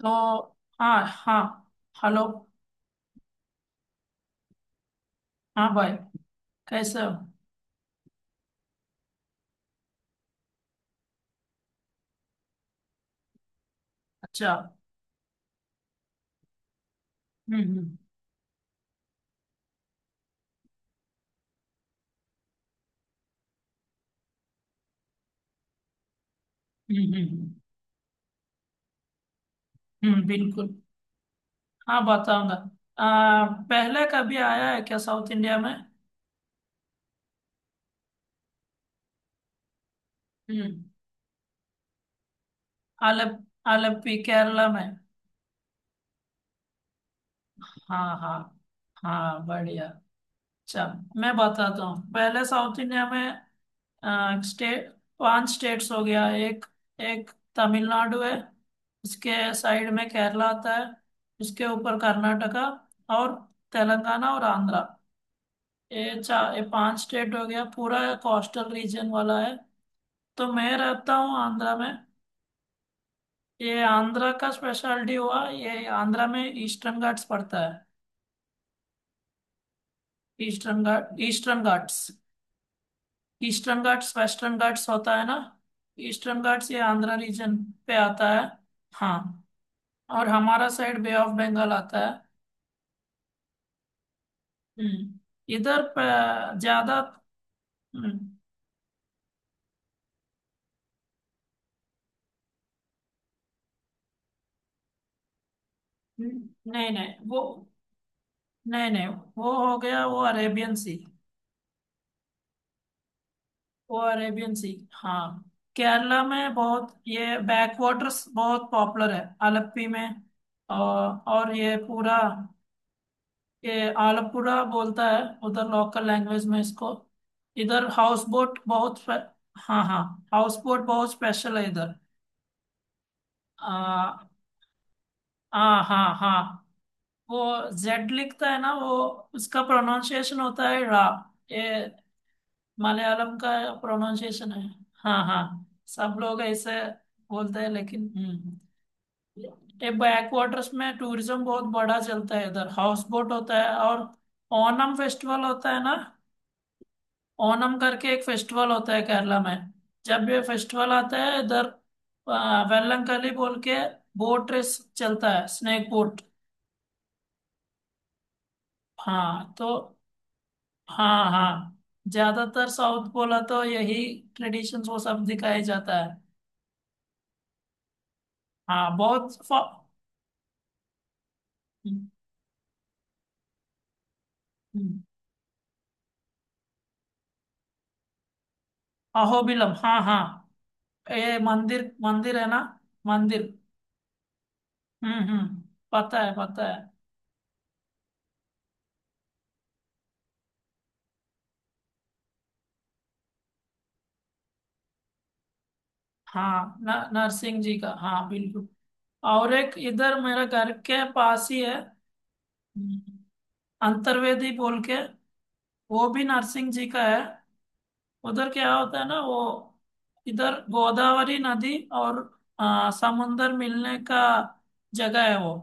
तो, हाँ हाँ। हेलो। हाँ भाई, कैसे हो? अच्छा। हम्म। हम्म। हम्म। हम्म। हम्म। हम्म। बिल्कुल। हाँ, बताऊंगा। पहले कभी आया है क्या साउथ इंडिया में? हम्म। आलप आलप्पी केरला में। हाँ हाँ। हाँ बढ़िया। अच्छा। मैं बताता हूँ, पहले साउथ इंडिया में स्टेट, पांच स्टेट्स हो गया। एक, एक तमिलनाडु है। इसके साइड में केरला आता है। इसके ऊपर कर्नाटका और तेलंगाना और आंध्रा। ये चार, ये पांच स्टेट हो गया, पूरा कोस्टल रीजन वाला है। तो मैं रहता हूँ आंध्रा में। ये आंध्रा का स्पेशलिटी हुआ, ये आंध्रा में ईस्टर्न घाट्स पड़ता है। Eastern Ghats. Eastern Ghats Western Ghats होता है ना। ईस्टर्न घाट्स ये आंध्रा रीजन पे आता है। हाँ। और हमारा साइड बे ऑफ बंगाल आता है। हम्म। इधर ज्यादा। हम्म। नहीं नहीं वो। नहीं नहीं, वो हो गया वो अरेबियन सी। वो अरेबियन सी, हाँ। केरला में बहुत ये बैक वाटर्स बहुत पॉपुलर है आलप्पी में। और ये पूरा ये आलपुरा बोलता है उधर लोकल लैंग्वेज में इसको। इधर हाउस बोट बहुत हाँ हाँ। हाउस बोट बहुत स्पेशल है इधर। आ, आ, हाँ हाँ। वो जेड लिखता है ना वो, उसका प्रोनाउंसिएशन होता है रा। ये मलयालम का प्रोनाउंसिएशन है। हाँ हाँ। सब लोग ऐसे बोलते हैं लेकिन, हम्म। ये बैक वाटर्स में टूरिज्म बहुत बड़ा चलता है, इधर हाउस बोट होता है और ओनम फेस्टिवल होता है ना। ओनम करके एक फेस्टिवल होता है केरला में। जब ये फेस्टिवल आता है इधर वेलंकली बोल के बोट रेस चलता है, स्नेक बोट। हाँ तो, हाँ हाँ, ज्यादातर साउथ बोला तो यही ट्रेडिशन वो सब दिखाया जाता है। हाँ, बहुत हम्म। हम्म। अहोबिलम, हाँ हाँ। ये मंदिर मंदिर है ना। मंदिर। हम्म। हम्म। पता है, पता है। हाँ, न, नरसिंह जी का, हाँ बिल्कुल। और एक इधर मेरे घर के पास ही है। हम्म। अंतर्वेदी बोल के, वो भी नरसिंह जी का है। उधर क्या होता है ना, वो इधर गोदावरी नदी और समुंदर मिलने का जगह है वो।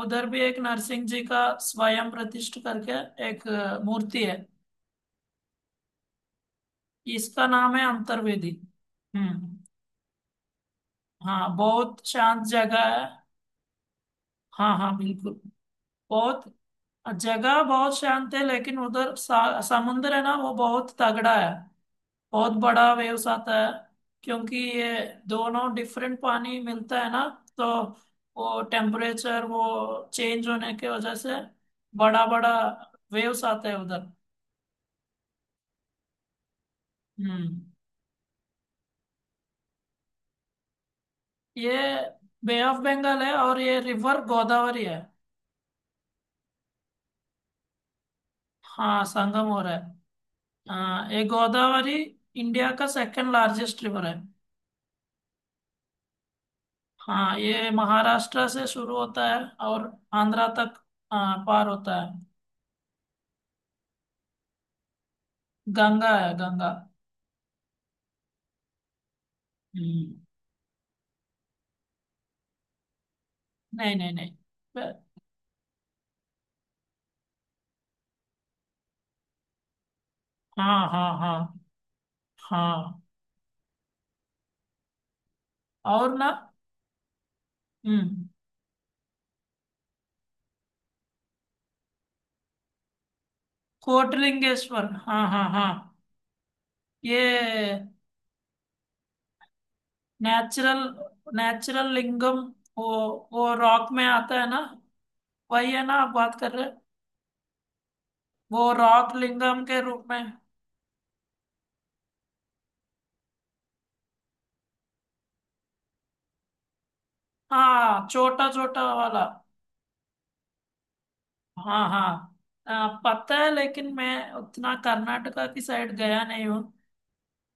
उधर भी एक नरसिंह जी का स्वयं प्रतिष्ठ करके एक मूर्ति है। इसका नाम है अंतर्वेदी। हम्म। हाँ, बहुत शांत जगह है। हाँ हाँ, बिल्कुल। बहुत जगह बहुत शांत है लेकिन उधर समुंदर है ना वो बहुत तगड़ा है। बहुत बड़ा वेव्स आता है क्योंकि ये दोनों डिफरेंट पानी मिलता है ना। तो वो टेम्परेचर वो चेंज होने के वजह से बड़ा बड़ा वेव्स आते हैं उधर। हम्म। ये बे ऑफ बंगाल है और ये रिवर गोदावरी है। हाँ, संगम हो रहा है। हाँ, ये गोदावरी इंडिया का सेकंड लार्जेस्ट रिवर है। हाँ, ये महाराष्ट्र से शुरू होता है और आंध्रा तक, हाँ, पार होता है। गंगा है गंगा। हम्म। नहीं नहीं नहीं। ब- हाँ हाँ हाँ हाँ। और ना। हम्म। कोटलिंगेश्वर हाँ हाँ हाँ। ये नेचुरल नेचुरल लिंगम, वो वो रॉक में आता है ना। वही है ना आप बात कर रहे हैं? वो रॉक लिंगम के रूप में। हाँ छोटा छोटा वाला। हाँ हाँ। पता है लेकिन मैं उतना कर्नाटका की साइड गया नहीं हूँ।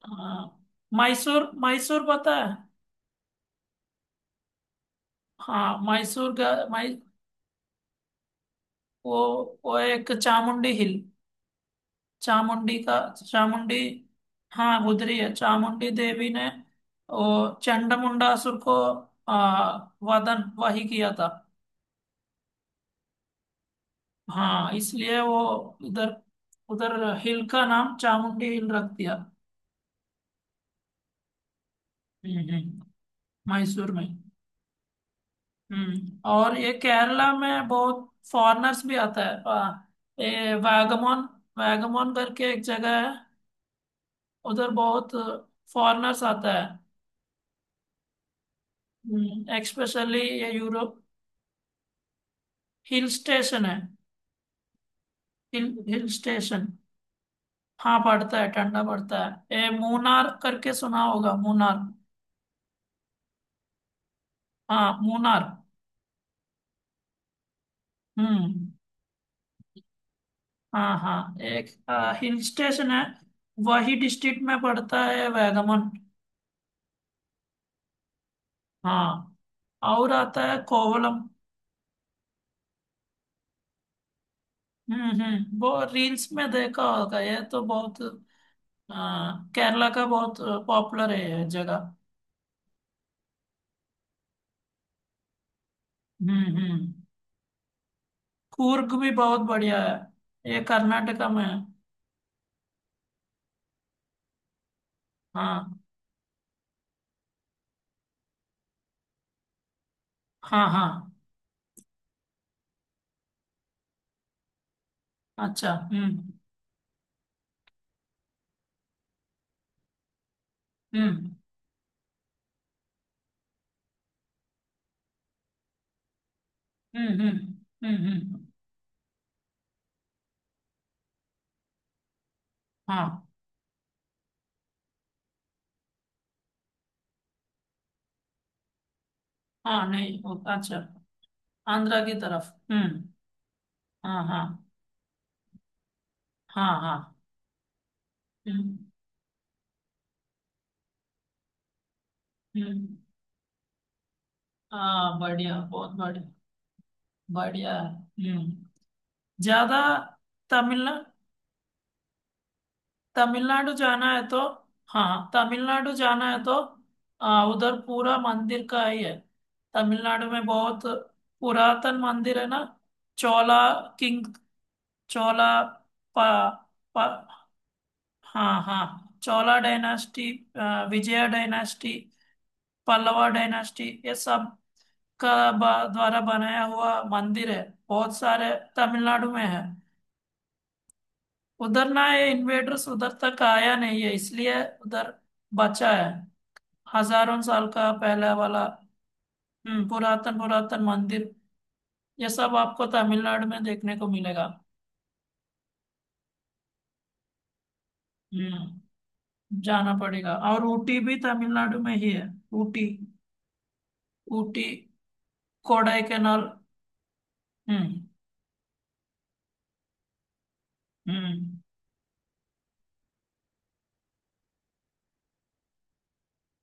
हाँ। मैसूर मैसूर पता है। हाँ, मैसूर गया। वो एक चामुंडी हिल। चामुंडी का चामुंडी। हाँ गुजरी है चामुंडी देवी ने, वो चंडमुंडा असुर को आ, वदन वही किया था। हाँ, इसलिए वो इधर उधर हिल का नाम चामुंडी हिल रख दिया। हम्म। मैसूर में। हम्म। और ये केरला में बहुत फॉरेनर्स भी आता है ये वागमोन। वागमोन करके एक जगह है, उधर बहुत फॉरेनर्स आता है, एक्सपेशली ये यूरोप। हिल स्टेशन है। Hill hill station. हाँ पड़ता है, ठंडा पड़ता है। ये मुनार करके सुना होगा? मुनार। हाँ मुनार। हम्म। हाँ हाँ, एक हिल स्टेशन है। वही डिस्ट्रिक्ट में पड़ता है वैगमन। हाँ। और आता है कोवलम। हम्म। हम्म। वो रील्स में देखा होगा। ये तो बहुत केरला का बहुत पॉपुलर है ये जगह। हम्म। हम्म। कूर्ग भी बहुत बढ़िया है, ये कर्नाटका में है। हाँ हाँ हाँ। अच्छा। हम्म। हम्म। हम्म। हम्म। हम्म। हम्म। हाँ हाँ। नहीं अच्छा। आंध्रा की तरफ। हम्म। हाँ हाँ हाँ हाँ। हम्म। हम्म। हाँ बढ़िया, बहुत बढ़िया। बढ़िया है। हम्म। ज्यादा तमिलनाडु। तमिलनाडु जाना है तो। हाँ तमिलनाडु जाना है तो उधर पूरा मंदिर का ही है। तमिलनाडु में बहुत पुरातन मंदिर है ना। चोला किंग। चोला पा, पा, हाँ हाँ Chola dynasty, Vijay dynasty, Pallava dynasty ये सब का द्वारा बनाया हुआ मंदिर है। बहुत सारे तमिलनाडु में है। उधर ना ये इन्वेडर्स उधर तक आया नहीं है, इसलिए उधर बचा है, हजारों साल का पहला वाला। हम्म। पुरातन पुरातन मंदिर, ये सब आपको तमिलनाडु में देखने को मिलेगा। हम्म। जाना पड़ेगा। और ऊटी भी तमिलनाडु में ही है। ऊटी। ऊटी। कोडाईकनाल। हम्म। हम्म।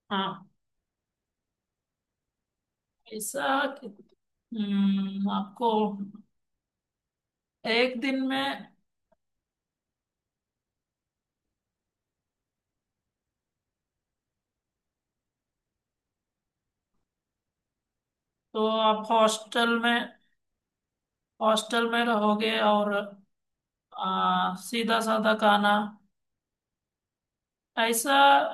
हाँ। ऐसा हम्म, आपको एक दिन में। तो आप हॉस्टल में रहोगे और सीधा साधा खाना। ऐसा,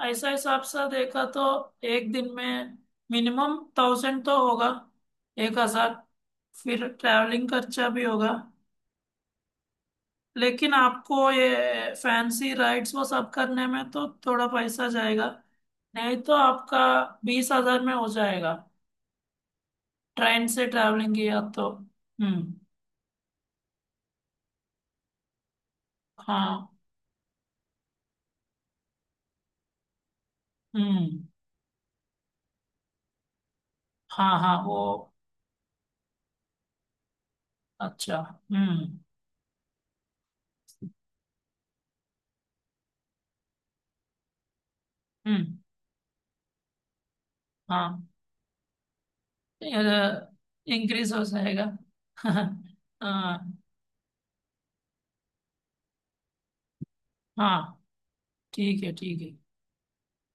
ऐसा हिसाब से देखा तो एक दिन में मिनिमम 1,000 तो होगा, 1,000। फिर ट्रैवलिंग खर्चा भी होगा। लेकिन आपको ये फैंसी राइड्स वो सब करने में तो थोड़ा पैसा जाएगा। नहीं तो आपका 20,000 में हो जाएगा, ट्रेन से ट्रैवलिंग किया तो। हम्म। हाँ। हम्म। हाँ हाँ वो। अच्छा। हम्म। हम्म। हाँ, इंक्रीज हो जाएगा। हाँ। हाँ। ठीक है, ठीक है।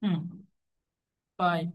हम्म। बाय।